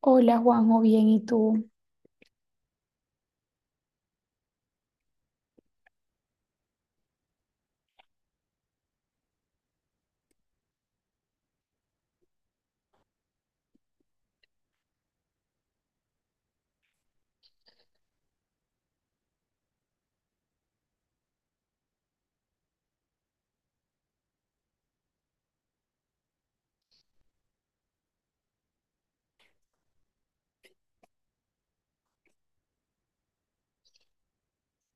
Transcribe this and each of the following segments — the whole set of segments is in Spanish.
Hola Juanjo, bien, ¿y tú?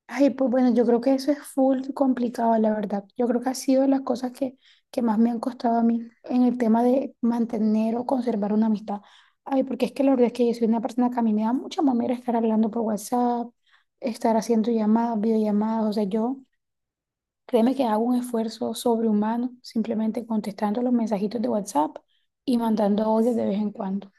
Ay, pues bueno, yo creo que eso es full complicado, la verdad. Yo creo que ha sido de las cosas que más me han costado a mí en el tema de mantener o conservar una amistad. Ay, porque es que la verdad es que yo soy una persona que a mí me da mucha mamera estar hablando por WhatsApp, estar haciendo llamadas, videollamadas. O sea, yo créeme que hago un esfuerzo sobrehumano simplemente contestando los mensajitos de WhatsApp y mandando audios de vez en cuando.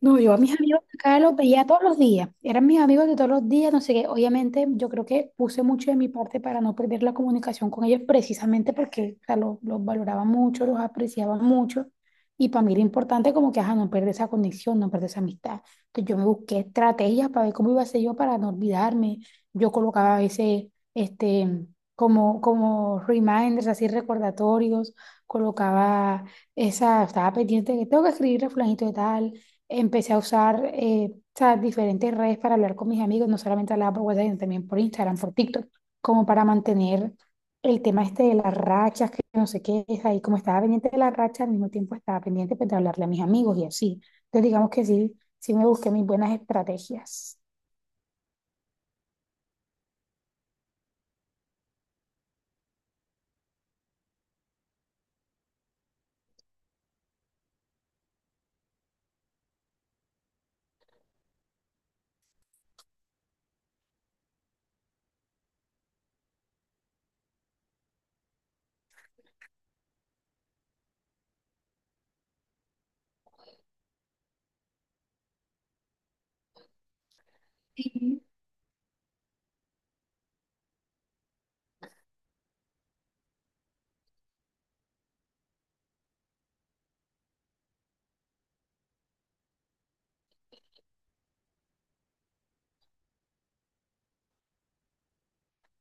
No, yo a mis amigos de acá los veía todos los días, eran mis amigos de todos los días, no sé qué. Obviamente, yo creo que puse mucho de mi parte para no perder la comunicación con ellos, precisamente porque, o sea, los valoraba mucho, los apreciaba mucho. Y para mí era importante como que, ajá, no perder esa conexión, no perder esa amistad. Entonces yo me busqué estrategias para ver cómo iba a ser yo para no olvidarme. Yo colocaba a veces, este, como reminders, así recordatorios, colocaba esa, estaba pendiente de que tengo que escribirle a fulanito de tal. Empecé a usar o diferentes redes para hablar con mis amigos, no solamente hablaba por WhatsApp, sino también por Instagram, por TikTok, como para mantener el tema este de las rachas, que no sé qué es ahí, como estaba pendiente de las rachas. Al mismo tiempo estaba pendiente, pues, de hablarle a mis amigos y así. Entonces digamos que sí, sí me busqué mis buenas estrategias.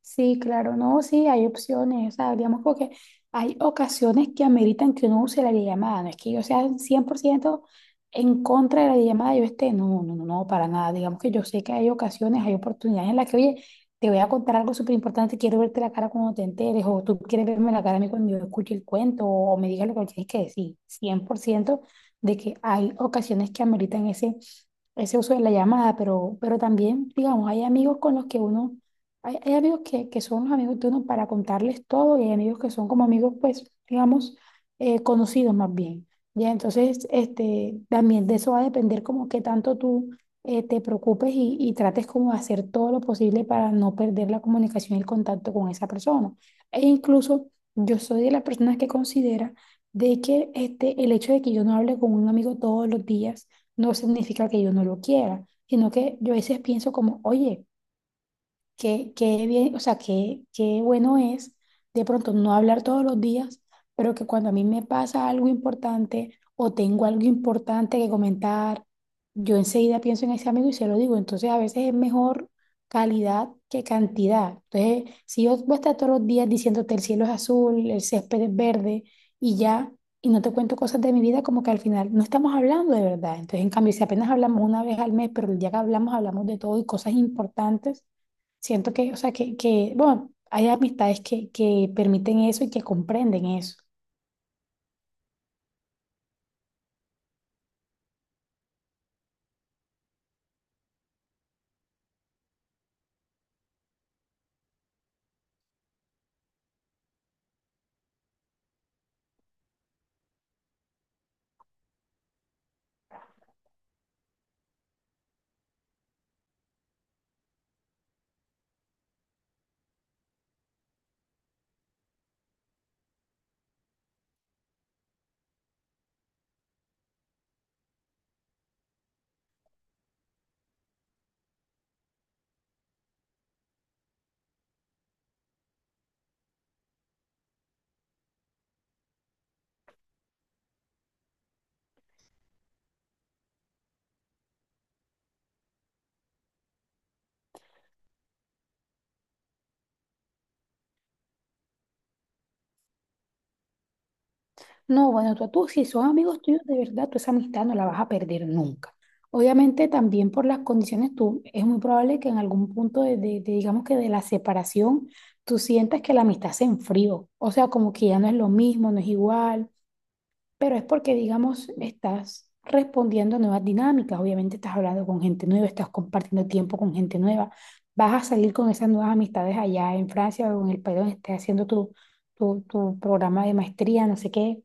Sí, claro, no, sí, hay opciones. O sea, digamos como que hay ocasiones que ameritan que uno use la llamada, no es que yo sea 100% en contra de la llamada, yo esté, no, no, no, no, para nada. Digamos que yo sé que hay ocasiones, hay oportunidades en las que, oye, te voy a contar algo súper importante, quiero verte la cara cuando te enteres, o tú quieres verme la cara a mí cuando yo escuche el cuento, o me digas lo que me tienes que decir, 100% de que hay ocasiones que ameritan ese uso de la llamada. Pero también, digamos, hay amigos con los que uno hay amigos que son los amigos de uno para contarles todo, y hay amigos que son como amigos, pues, digamos, conocidos más bien. Ya, entonces, también de eso va a depender como que tanto tú te preocupes y trates como de hacer todo lo posible para no perder la comunicación y el contacto con esa persona. E incluso yo soy de las personas que considera de que, el hecho de que yo no hable con un amigo todos los días no significa que yo no lo quiera, sino que yo a veces pienso como, oye, qué bien, o sea, qué bueno es de pronto no hablar todos los días, pero que cuando a mí me pasa algo importante o tengo algo importante que comentar, yo enseguida pienso en ese amigo y se lo digo. Entonces, a veces es mejor calidad que cantidad. Entonces, si yo voy a estar todos los días diciéndote el cielo es azul, el césped es verde y ya, y no te cuento cosas de mi vida, como que al final no estamos hablando de verdad. Entonces, en cambio, si apenas hablamos una vez al mes, pero el día que hablamos, hablamos de todo y cosas importantes. Siento que, o sea, que, bueno, hay amistades que permiten eso y que comprenden eso. No, bueno, tú, si son amigos tuyos de verdad, tú esa amistad no la vas a perder nunca. Obviamente también por las condiciones, tú, es muy probable que en algún punto de, digamos que de la separación, tú sientas que la amistad se enfrió. O sea, como que ya no es lo mismo, no es igual. Pero es porque, digamos, estás respondiendo a nuevas dinámicas. Obviamente estás hablando con gente nueva, estás compartiendo tiempo con gente nueva. Vas a salir con esas nuevas amistades allá en Francia o en el país donde estés haciendo tu programa de maestría, no sé qué.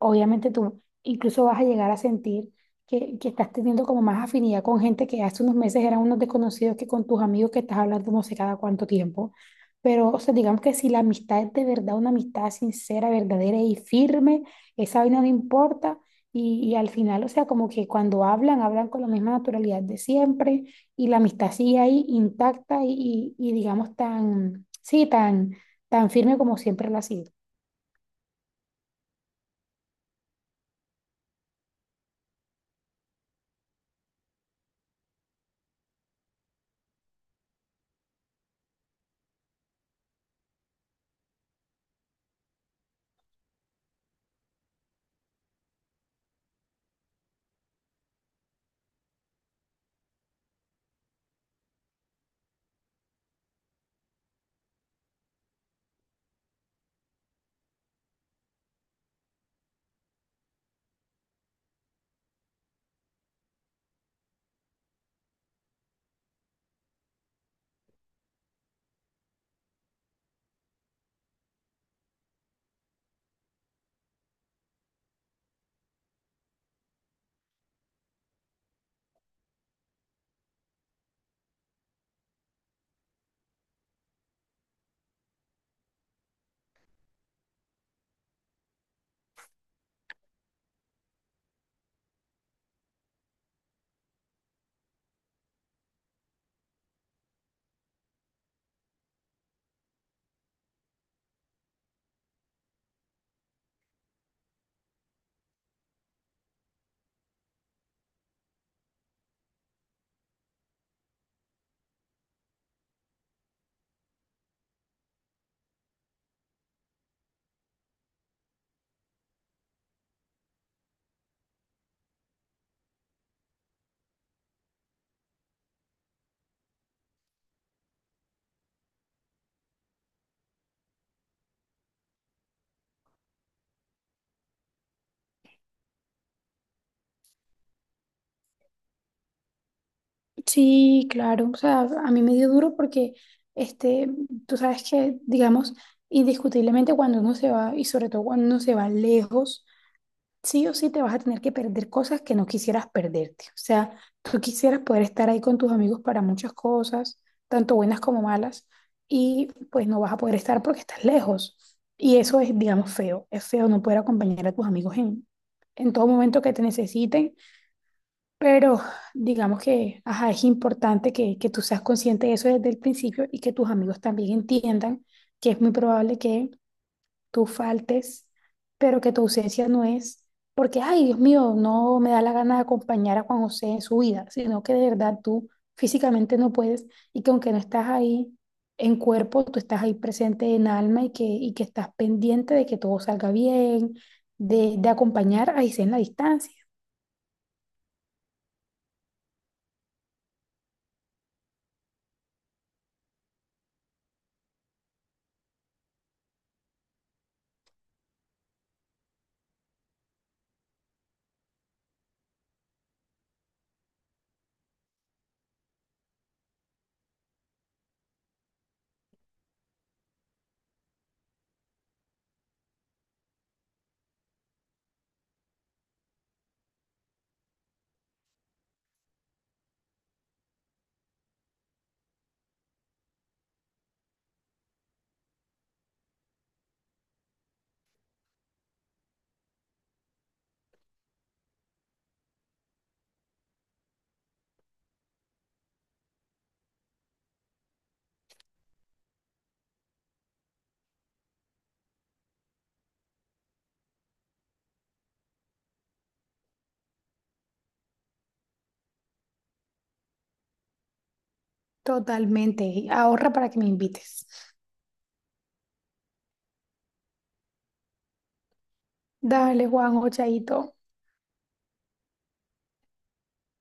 Obviamente tú incluso vas a llegar a sentir que estás teniendo como más afinidad con gente que hace unos meses eran unos desconocidos que con tus amigos que estás hablando no sé cada cuánto tiempo. Pero, o sea, digamos que si la amistad es de verdad una amistad sincera, verdadera y firme, esa vaina no importa. Y al final, o sea, como que cuando hablan, hablan con la misma naturalidad de siempre y la amistad sigue ahí intacta y digamos tan, sí, tan firme como siempre lo ha sido. Sí, claro. O sea, a mí me dio duro porque, este, tú sabes que, digamos, indiscutiblemente cuando uno se va, y sobre todo cuando uno se va lejos, sí o sí te vas a tener que perder cosas que no quisieras perderte. O sea, tú quisieras poder estar ahí con tus amigos para muchas cosas, tanto buenas como malas, y pues no vas a poder estar porque estás lejos. Y eso es, digamos, feo. Es feo no poder acompañar a tus amigos en todo momento que te necesiten, pero digamos que, ajá, es importante que tú seas consciente de eso desde el principio y que tus amigos también entiendan que es muy probable que tú faltes, pero que tu ausencia no es porque, ay, Dios mío, no me da la gana de acompañar a Juan José en su vida, sino que de verdad tú físicamente no puedes, y que aunque no estás ahí en cuerpo, tú estás ahí presente en alma y que estás pendiente de que todo salga bien, de acompañar a José en la distancia. Totalmente. Y ahorra para que me invites. Dale, Juan, chaito.